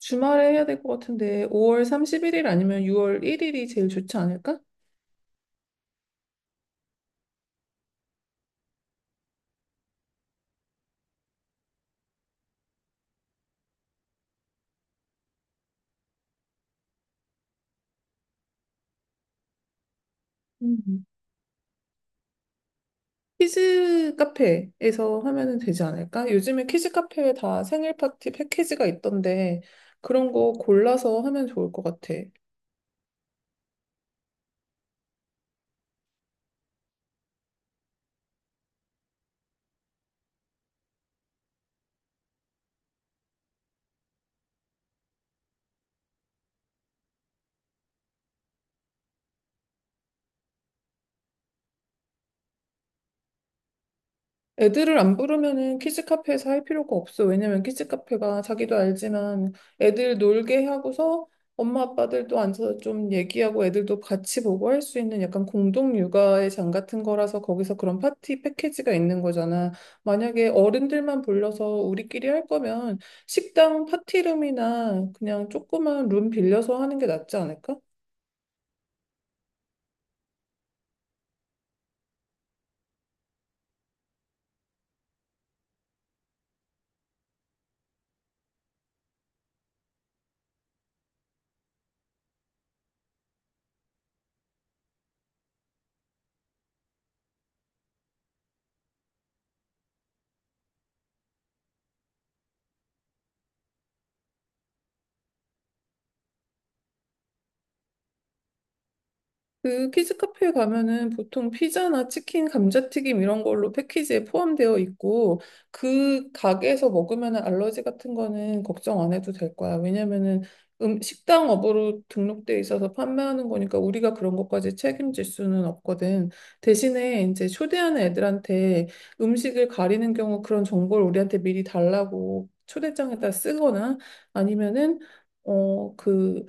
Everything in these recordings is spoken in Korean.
주말에 해야 될 것 같은데 5월 31일 아니면 6월 1일이 제일 좋지 않을까? 음. 키즈 카페에서 하면은 되지 않을까? 요즘에 키즈 카페에 다 생일 파티 패키지가 있던데 그런 거 골라서 하면 좋을 것 같아. 애들을 안 부르면은 키즈 카페에서 할 필요가 없어. 왜냐면 키즈 카페가 자기도 알지만 애들 놀게 하고서 엄마 아빠들도 앉아서 좀 얘기하고 애들도 같이 보고 할 수 있는 약간 공동 육아의 장 같은 거라서 거기서 그런 파티 패키지가 있는 거잖아. 만약에 어른들만 불러서 우리끼리 할 거면 식당 파티룸이나 그냥 조그만 룸 빌려서 하는 게 낫지 않을까? 그 키즈 카페에 가면은 보통 피자나 치킨, 감자튀김 이런 걸로 패키지에 포함되어 있고 그 가게에서 먹으면은 알러지 같은 거는 걱정 안 해도 될 거야. 왜냐면은 식당 업으로 등록돼 있어서 판매하는 거니까 우리가 그런 것까지 책임질 수는 없거든. 대신에 이제 초대하는 애들한테 음식을 가리는 경우 그런 정보를 우리한테 미리 달라고 초대장에다 쓰거나 아니면은 어, 그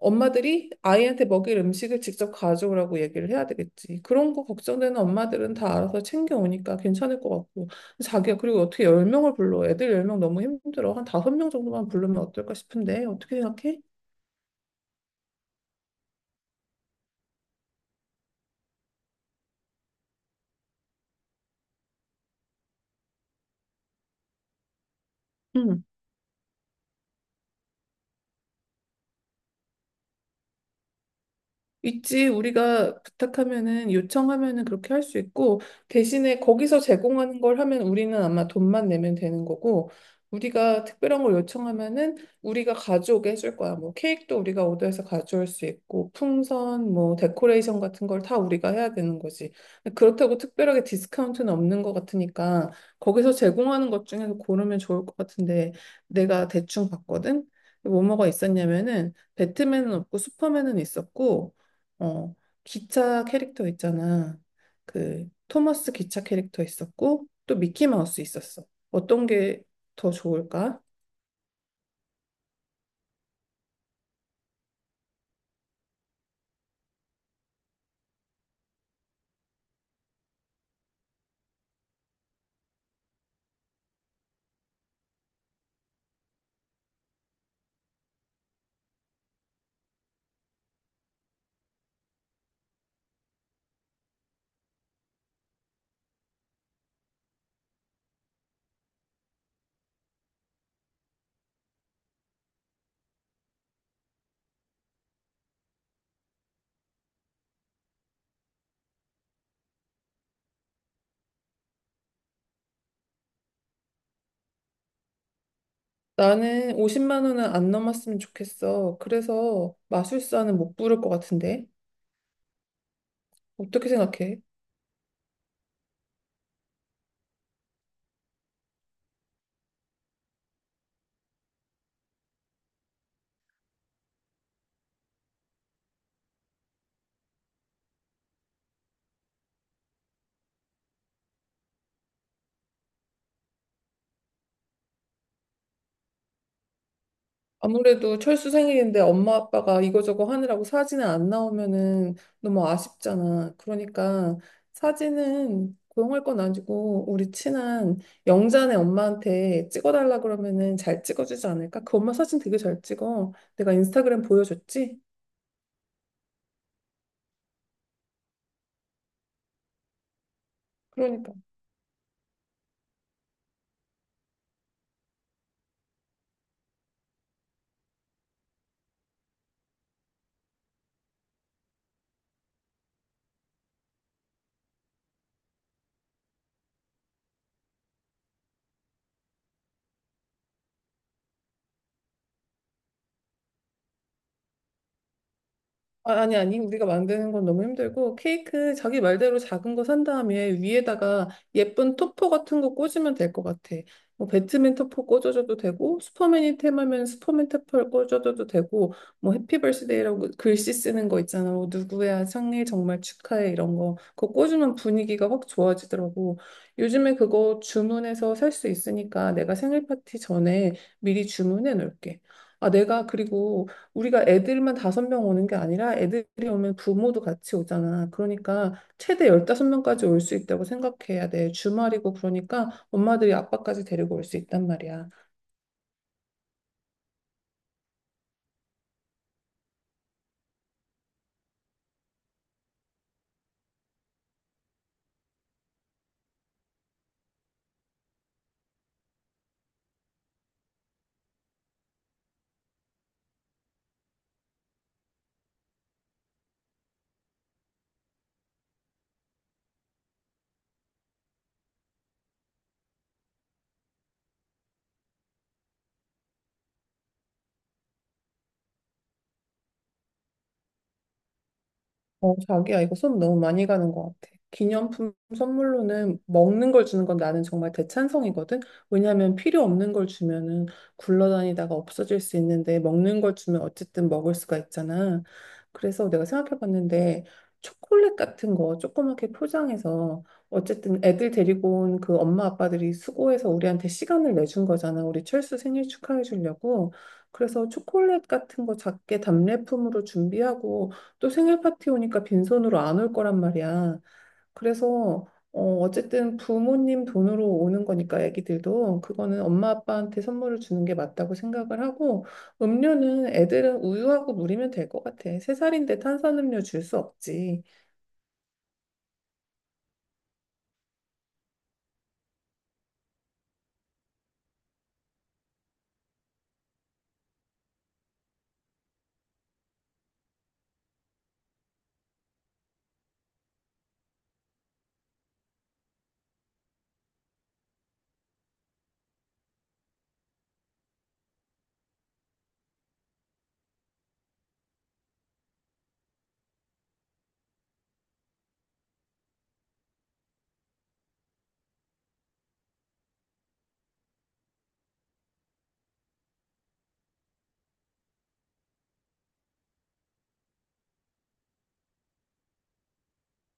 엄마들이 아이한테 먹일 음식을 직접 가져오라고 얘기를 해야 되겠지. 그런 거 걱정되는 엄마들은 다 알아서 챙겨오니까 괜찮을 것 같고. 자기가 그리고 어떻게 10명을 불러? 애들 10명 너무 힘들어. 한 5명 정도만 부르면 어떨까 싶은데 어떻게 생각해? 있지, 우리가 부탁하면은, 요청하면은 그렇게 할 수 있고, 대신에 거기서 제공하는 걸 하면 우리는 아마 돈만 내면 되는 거고, 우리가 특별한 걸 요청하면은 우리가 가져오게 해줄 거야. 뭐 케이크도 우리가 오더해서 가져올 수 있고, 풍선, 뭐 데코레이션 같은 걸 다 우리가 해야 되는 거지. 그렇다고 특별하게 디스카운트는 없는 것 같으니까, 거기서 제공하는 것 중에서 고르면 좋을 것 같은데, 내가 대충 봤거든? 뭐뭐가 있었냐면은, 배트맨은 없고 슈퍼맨은 있었고 어, 기차 캐릭터 있잖아. 그 토머스 기차 캐릭터 있었고 또 미키마우스 있었어. 어떤 게 더 좋을까? 나는 50만 원은 안 넘었으면 좋겠어. 그래서 마술사는 못 부를 것 같은데. 어떻게 생각해? 아무래도 철수 생일인데 엄마 아빠가 이거저거 하느라고 사진은 안 나오면은 너무 아쉽잖아. 그러니까 사진은 고용할 건 아니고 우리 친한 영자네 엄마한테 찍어달라 그러면은 잘 찍어주지 않을까? 그 엄마 사진 되게 잘 찍어. 내가 인스타그램 보여줬지? 그러니까 아, 아니, 아니, 우리가 만드는 건 너무 힘들고, 케이크 자기 말대로 작은 거 산 다음에 위에다가 예쁜 토퍼 같은 거 꽂으면 될 것 같아. 뭐, 배트맨 토퍼 꽂아줘도 되고, 슈퍼맨이 템하면 슈퍼맨 토퍼를 꽂아줘도 되고, 뭐, 해피 벌스데이라고 글씨 쓰는 거 있잖아. 뭐, 누구야, 생일 정말 축하해. 이런 거. 그거 꽂으면 분위기가 확 좋아지더라고. 요즘에 그거 주문해서 살 수 있으니까 내가 생일 파티 전에 미리 주문해 놓을게. 아, 내가 그리고 우리가 애들만 5명 오는 게 아니라 애들이 오면 부모도 같이 오잖아. 그러니까 최대 15명까지 올 수 있다고 생각해야 돼. 주말이고 그러니까 엄마들이 아빠까지 데리고 올 수 있단 말이야. 자기야, 이거 수업 너무 많이 가는 것 같아. 기념품 선물로는 먹는 걸 주는 건 나는 정말 대찬성이거든. 왜냐하면 필요 없는 걸 주면은 굴러다니다가 없어질 수 있는데 먹는 걸 주면 어쨌든 먹을 수가 있잖아. 그래서 내가 생각해 봤는데 초콜릿 같은 거 조그맣게 포장해서 어쨌든 애들 데리고 온 그 엄마 아빠들이 수고해서 우리한테 시간을 내준 거잖아. 우리 철수 생일 축하해 주려고. 그래서 초콜릿 같은 거 작게 답례품으로 준비하고 또 생일 파티 오니까 빈손으로 안 올 거란 말이야. 그래서 어쨌든 부모님 돈으로 오는 거니까 애기들도 그거는 엄마 아빠한테 선물을 주는 게 맞다고 생각을 하고 음료는 애들은 우유하고 물이면 될 것 같아. 3살인데 탄산음료 줄 수 없지.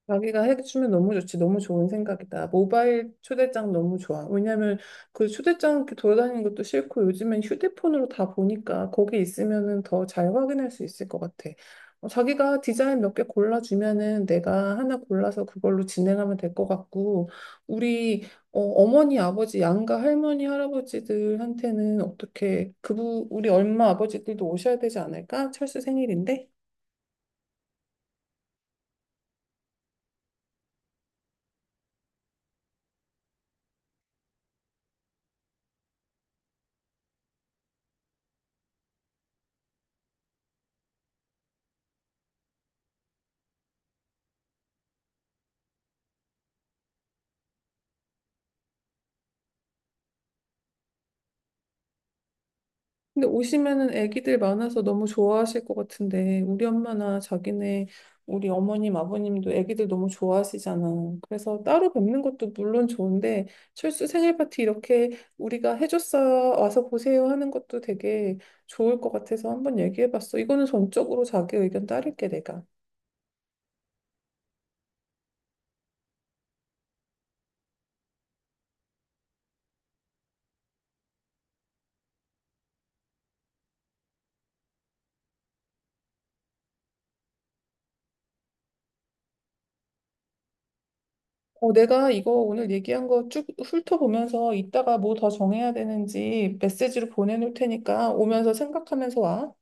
자기가 해주면 너무 좋지. 너무 좋은 생각이다. 모바일 초대장 너무 좋아. 왜냐면 그 초대장 이렇게 돌아다니는 것도 싫고 요즘엔 휴대폰으로 다 보니까 거기 있으면은 더 잘 확인할 수 있을 것 같아. 자기가 디자인 몇 개 골라주면은 내가 하나 골라서 그걸로 진행하면 될 것 같고, 우리 어머니, 아버지, 양가, 할머니, 할아버지들한테는 어떻게 그부 우리 엄마, 아버지들도 오셔야 되지 않을까? 철수 생일인데? 근데 오시면은 애기들 많아서 너무 좋아하실 것 같은데 우리 엄마나 자기네 우리 어머님 아버님도 애기들 너무 좋아하시잖아. 그래서 따로 뵙는 것도 물론 좋은데 철수 생일 파티 이렇게 우리가 해줬어요 와서 보세요 하는 것도 되게 좋을 것 같아서 한번 얘기해봤어. 이거는 전적으로 자기 의견 따를게 내가. 내가 이거 오늘 얘기한 거 쭉 훑어보면서 이따가 뭐 더 정해야 되는지 메시지로 보내놓을 테니까 오면서 생각하면서 와.